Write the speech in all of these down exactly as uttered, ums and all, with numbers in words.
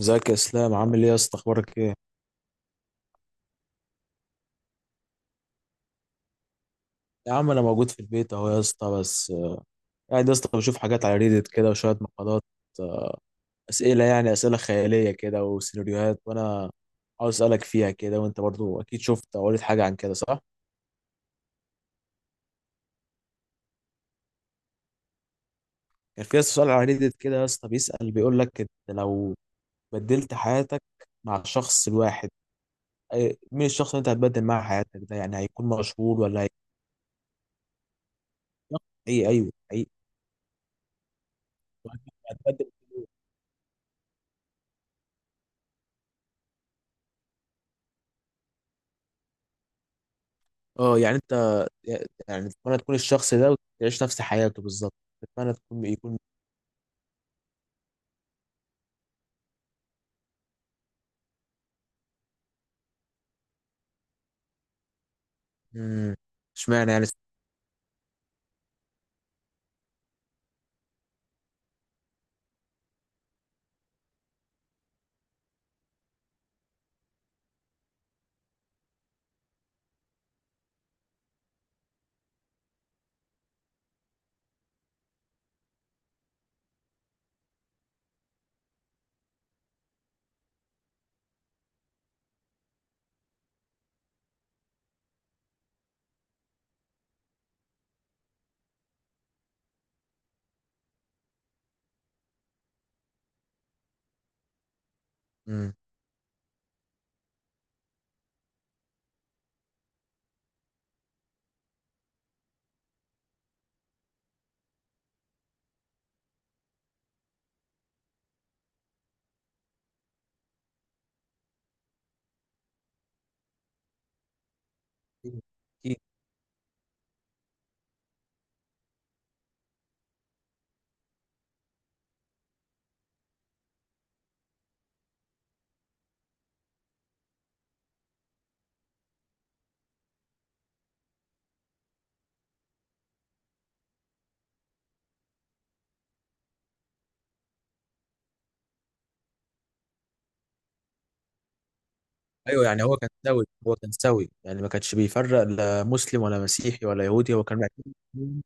ازيك يا اسلام، عامل ايه يا اسطى؟ اخبارك ايه؟ يا عم انا موجود في البيت اهو يا اسطى. بس آه، قاعد يا اسطى بشوف حاجات على ريدت كده وشويه مقالات. آه، اسئله يعني اسئله خياليه كده وسيناريوهات، وانا عاوز اسالك فيها كده، وانت برضو اكيد شفت او قريت حاجه عن كده صح؟ كان في يا اسطى سؤال على ريدت كده يا اسطى، بيسال بيقول لك، انت لو بدلت حياتك مع الشخص الواحد، أي- مين الشخص اللي انت هتبدل معاه حياتك ده؟ يعني هيكون مشهور ولا هيكون حقيقي؟ ايوه حقيقي. اه يعني انت، يعني تتمنى تكون الشخص ده وتعيش نفس حياته بالظبط؟ تتمنى تكون يكون. مم. اشمعنى يعني؟ مم. أكيد. ايوه يعني هو كان سوي، هو كان سوي، يعني ما كانش بيفرق لا مسلم ولا مسيحي ولا يهودي، هو كان معتبر كلهم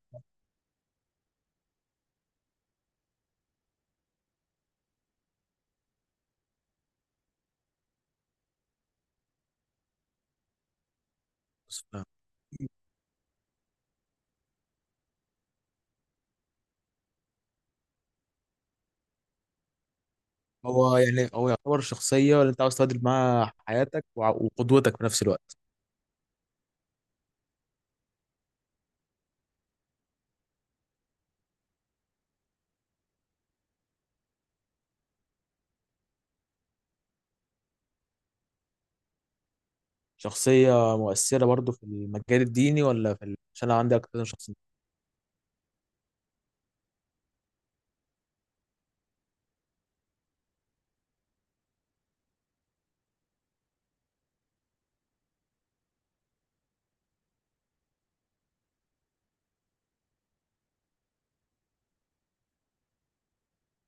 مسلم. هو يعني هو يعتبر شخصية اللي انت عاوز تعدل معاها حياتك وع- وقدوتك في نفس الوقت؟ شخصية مؤثرة برضو في المجال الديني ولا في ال... عشان انا عندي اكتر من شخصية.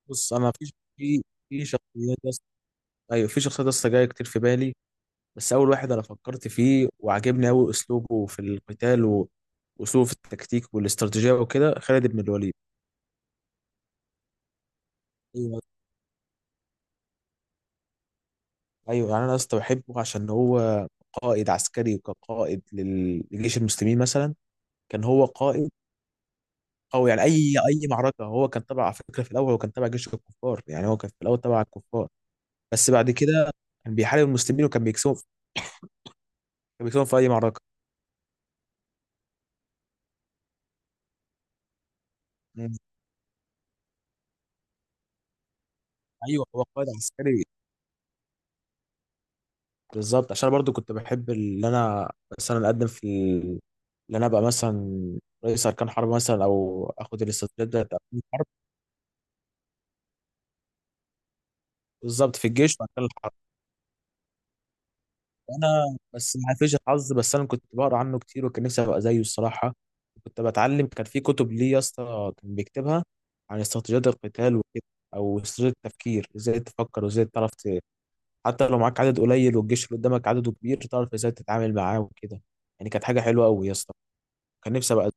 بص انا في في في شخصيات، ايوه في شخصيات لسه جايه كتير في بالي، بس اول واحد انا فكرت فيه وعجبني قوي اسلوبه في القتال و- واسلوبه في التكتيك والاستراتيجيه وكده، خالد بن الوليد. ايوه. ايوه يعني انا لسه بحبه عشان هو قائد عسكري، وكقائد لل- لجيش المسلمين مثلا، كان هو قائد. او يعني اي اي معركه هو كان تبع، على فكره في الاول هو كان تبع جيش الكفار، يعني هو كان في الاول تبع الكفار، بس بعد كده كان بيحارب المسلمين وكان بيكسبهم، كان بيكسبهم في اي معركه. مم. ايوه هو قائد عسكري بالظبط، عشان أنا برضو كنت بحب اللي انا مثلا اقدم في ال- اللي انا ابقى مثلا رئيس اركان حرب مثلا، او اخد الاستطلاعات بتاعت اركان الحرب، بالظبط في الجيش واركان الحرب. انا بس ما فيش الحظ، بس انا كنت بقرا عنه كتير وكان نفسي ابقى زيه الصراحه. كنت بتعلم، كان في كتب ليه يا اسطى كان بيكتبها عن استراتيجيات القتال وكده، او استراتيجيه التفكير، ازاي تفكر وازاي تعرف ت- حتى لو معاك عدد قليل والجيش اللي قدامك عدده كبير تعرف ازاي تتعامل معاه وكده، يعني كانت حاجه حلوه قوي يا اسطى. كان نفسي ابقى.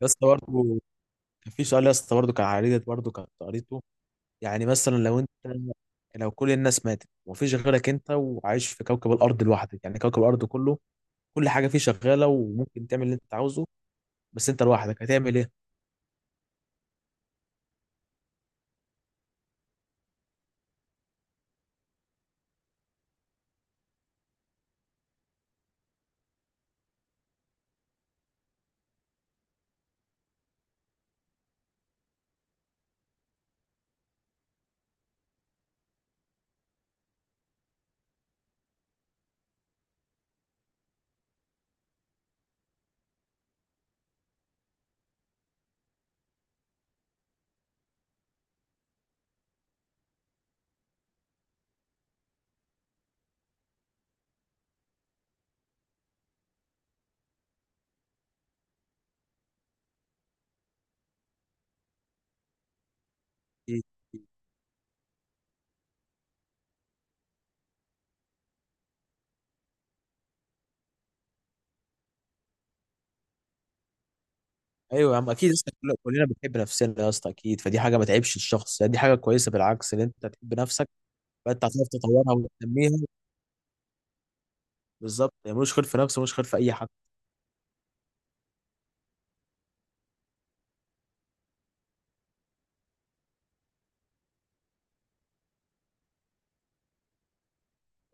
يا اسطى برضه كان في سؤال يا اسطى، برضه كان عريضة برضه كنت قريته، يعني مثلا لو انت، لو كل الناس ماتت ومفيش غيرك انت وعايش في كوكب الارض لوحدك، يعني كوكب الارض كله، كل حاجه فيه شغاله وممكن تعمل اللي انت عاوزه، بس انت لوحدك هتعمل ايه؟ إيه؟ ايوه يا عم اكيد يا اسطى، كل- كلنا بنحب نفسنا يا اسطى اكيد، فدي حاجه ما تعيبش الشخص، يعني دي حاجه كويسه بالعكس ان انت تحب نفسك، فانت هتعرف تطورها وتنميها، بالظبط، يعني ملوش خير في نفسه ملوش خير في اي حد.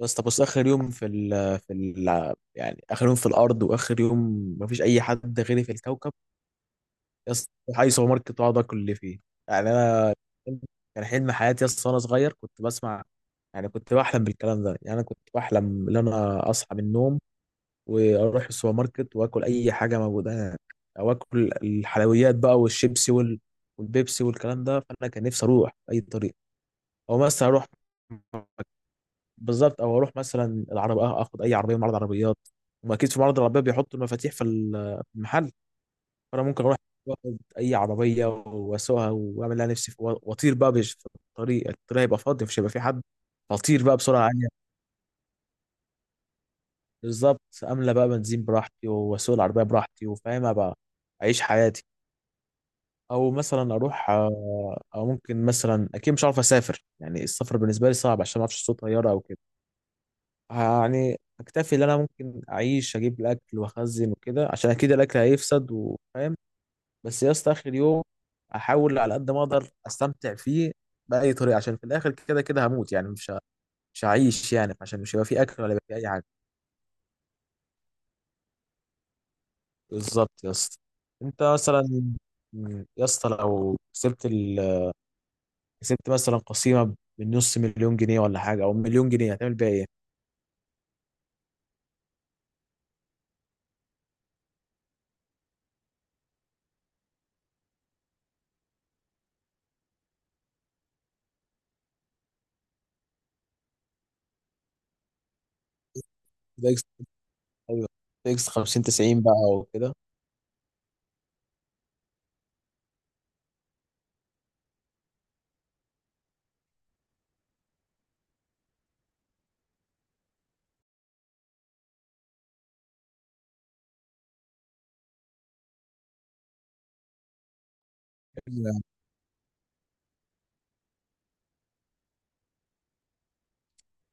بس طب بص، اخر يوم في ال في ال يعني اخر يوم في الارض، واخر يوم مفيش اي حد غيري في الكوكب، يا اسطى أروح اي سوبر ماركت واقعد اكل اللي فيه، يعني انا كان حلم حياتي يا اسطى وانا صغير، كنت بسمع، يعني كنت بحلم بالكلام ده، يعني انا كنت بحلم ان انا اصحى من النوم واروح السوبر ماركت واكل اي حاجه موجوده هناك، او اكل الحلويات بقى والشيبسي وال- والبيبسي والكلام ده، فانا كان نفسي اروح باي طريقه، او مثلا اروح، بالظبط، او اروح مثلا العربية، آه، اخد اي عربيه من معرض عربيات، واكيد في معرض العربيات بيحطوا المفاتيح في ال- في المحل، فانا ممكن اروح واخد اي عربيه واسوقها واعمل لها نفسي في- واطير بقى بش- في الطريق، الطريق هيبقى فاضي مش هيبقى في حد، اطير بقى بسرعه عاليه، بالظبط، املى بقى بنزين براحتي واسوق العربيه براحتي وفاهمها بقى، اعيش حياتي. او مثلا اروح آه، او ممكن مثلا، اكيد مش عارف اسافر، يعني السفر بالنسبه لي صعب عشان ما اعرفش صوت طياره او كده، يعني اكتفي ان انا ممكن اعيش، اجيب الاكل واخزن وكده عشان اكيد الاكل هيفسد وفاهم، بس يا اسطى اخر يوم احاول على قد ما اقدر استمتع فيه باي طريقه عشان في الاخر كده كده هموت، يعني مش ه- مش هعيش يعني، عشان مش هيبقى في اكل ولا هيبقى في اي حاجه، بالظبط يا اسطى. انت مثلا، م، يا اسطى لو كسبت ال... كسبت مثلا قسيمه بنص مليون جنيه ولا حاجه، او مليون جنيه، هتعمل بيها ايه؟ ده اكس، ايوه ده اكس خمسين تسعين بقى وكده.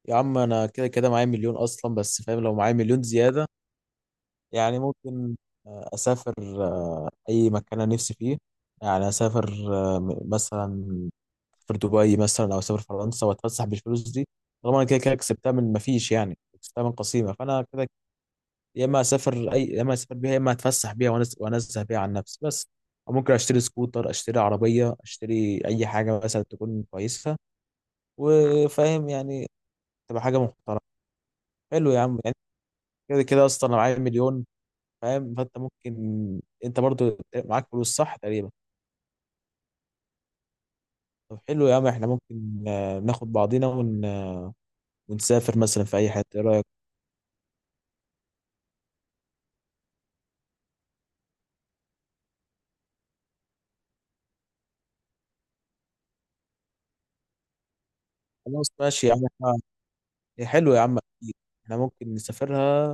يا عم انا كده كده معايا مليون اصلا، بس فاهم، لو معايا مليون زياده يعني ممكن آه، اسافر آه، اي مكان انا نفسي فيه، يعني اسافر آه، م- مثلا في دبي مثلا، او اسافر فرنسا واتفسح بالفلوس دي، طالما انا كده كده كسبتها من ما فيش، يعني كسبتها من قسيمه، فانا كده يا اما اسافر اي، يا اما اسافر بيها، يا اما اتفسح بيها وأنز- وانزه بيها عن نفسي بس، أو ممكن اشتري سكوتر، اشتري عربيه، اشتري اي حاجه مثلا تكون كويسه وفاهم يعني، تبقى حاجه محترمه. حلو يا عم، كده كده اصلا لو معايا مليون فاهم، فانت ممكن، انت برضو معاك فلوس صح تقريبا؟ طب حلو يا عم، احنا ممكن آه، ناخد بعضينا ون... آه، ونسافر مثلا في اي حته، ايه رايك؟ خلاص ماشي يا عم، احنا، إيه حلو يا عم اكيد، احنا ممكن نسافرها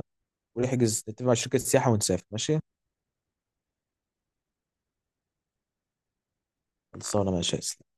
ونحجز نتفق مع شركه سياحه ونسافر ماشي. خلصانه ماشي يا اسلام.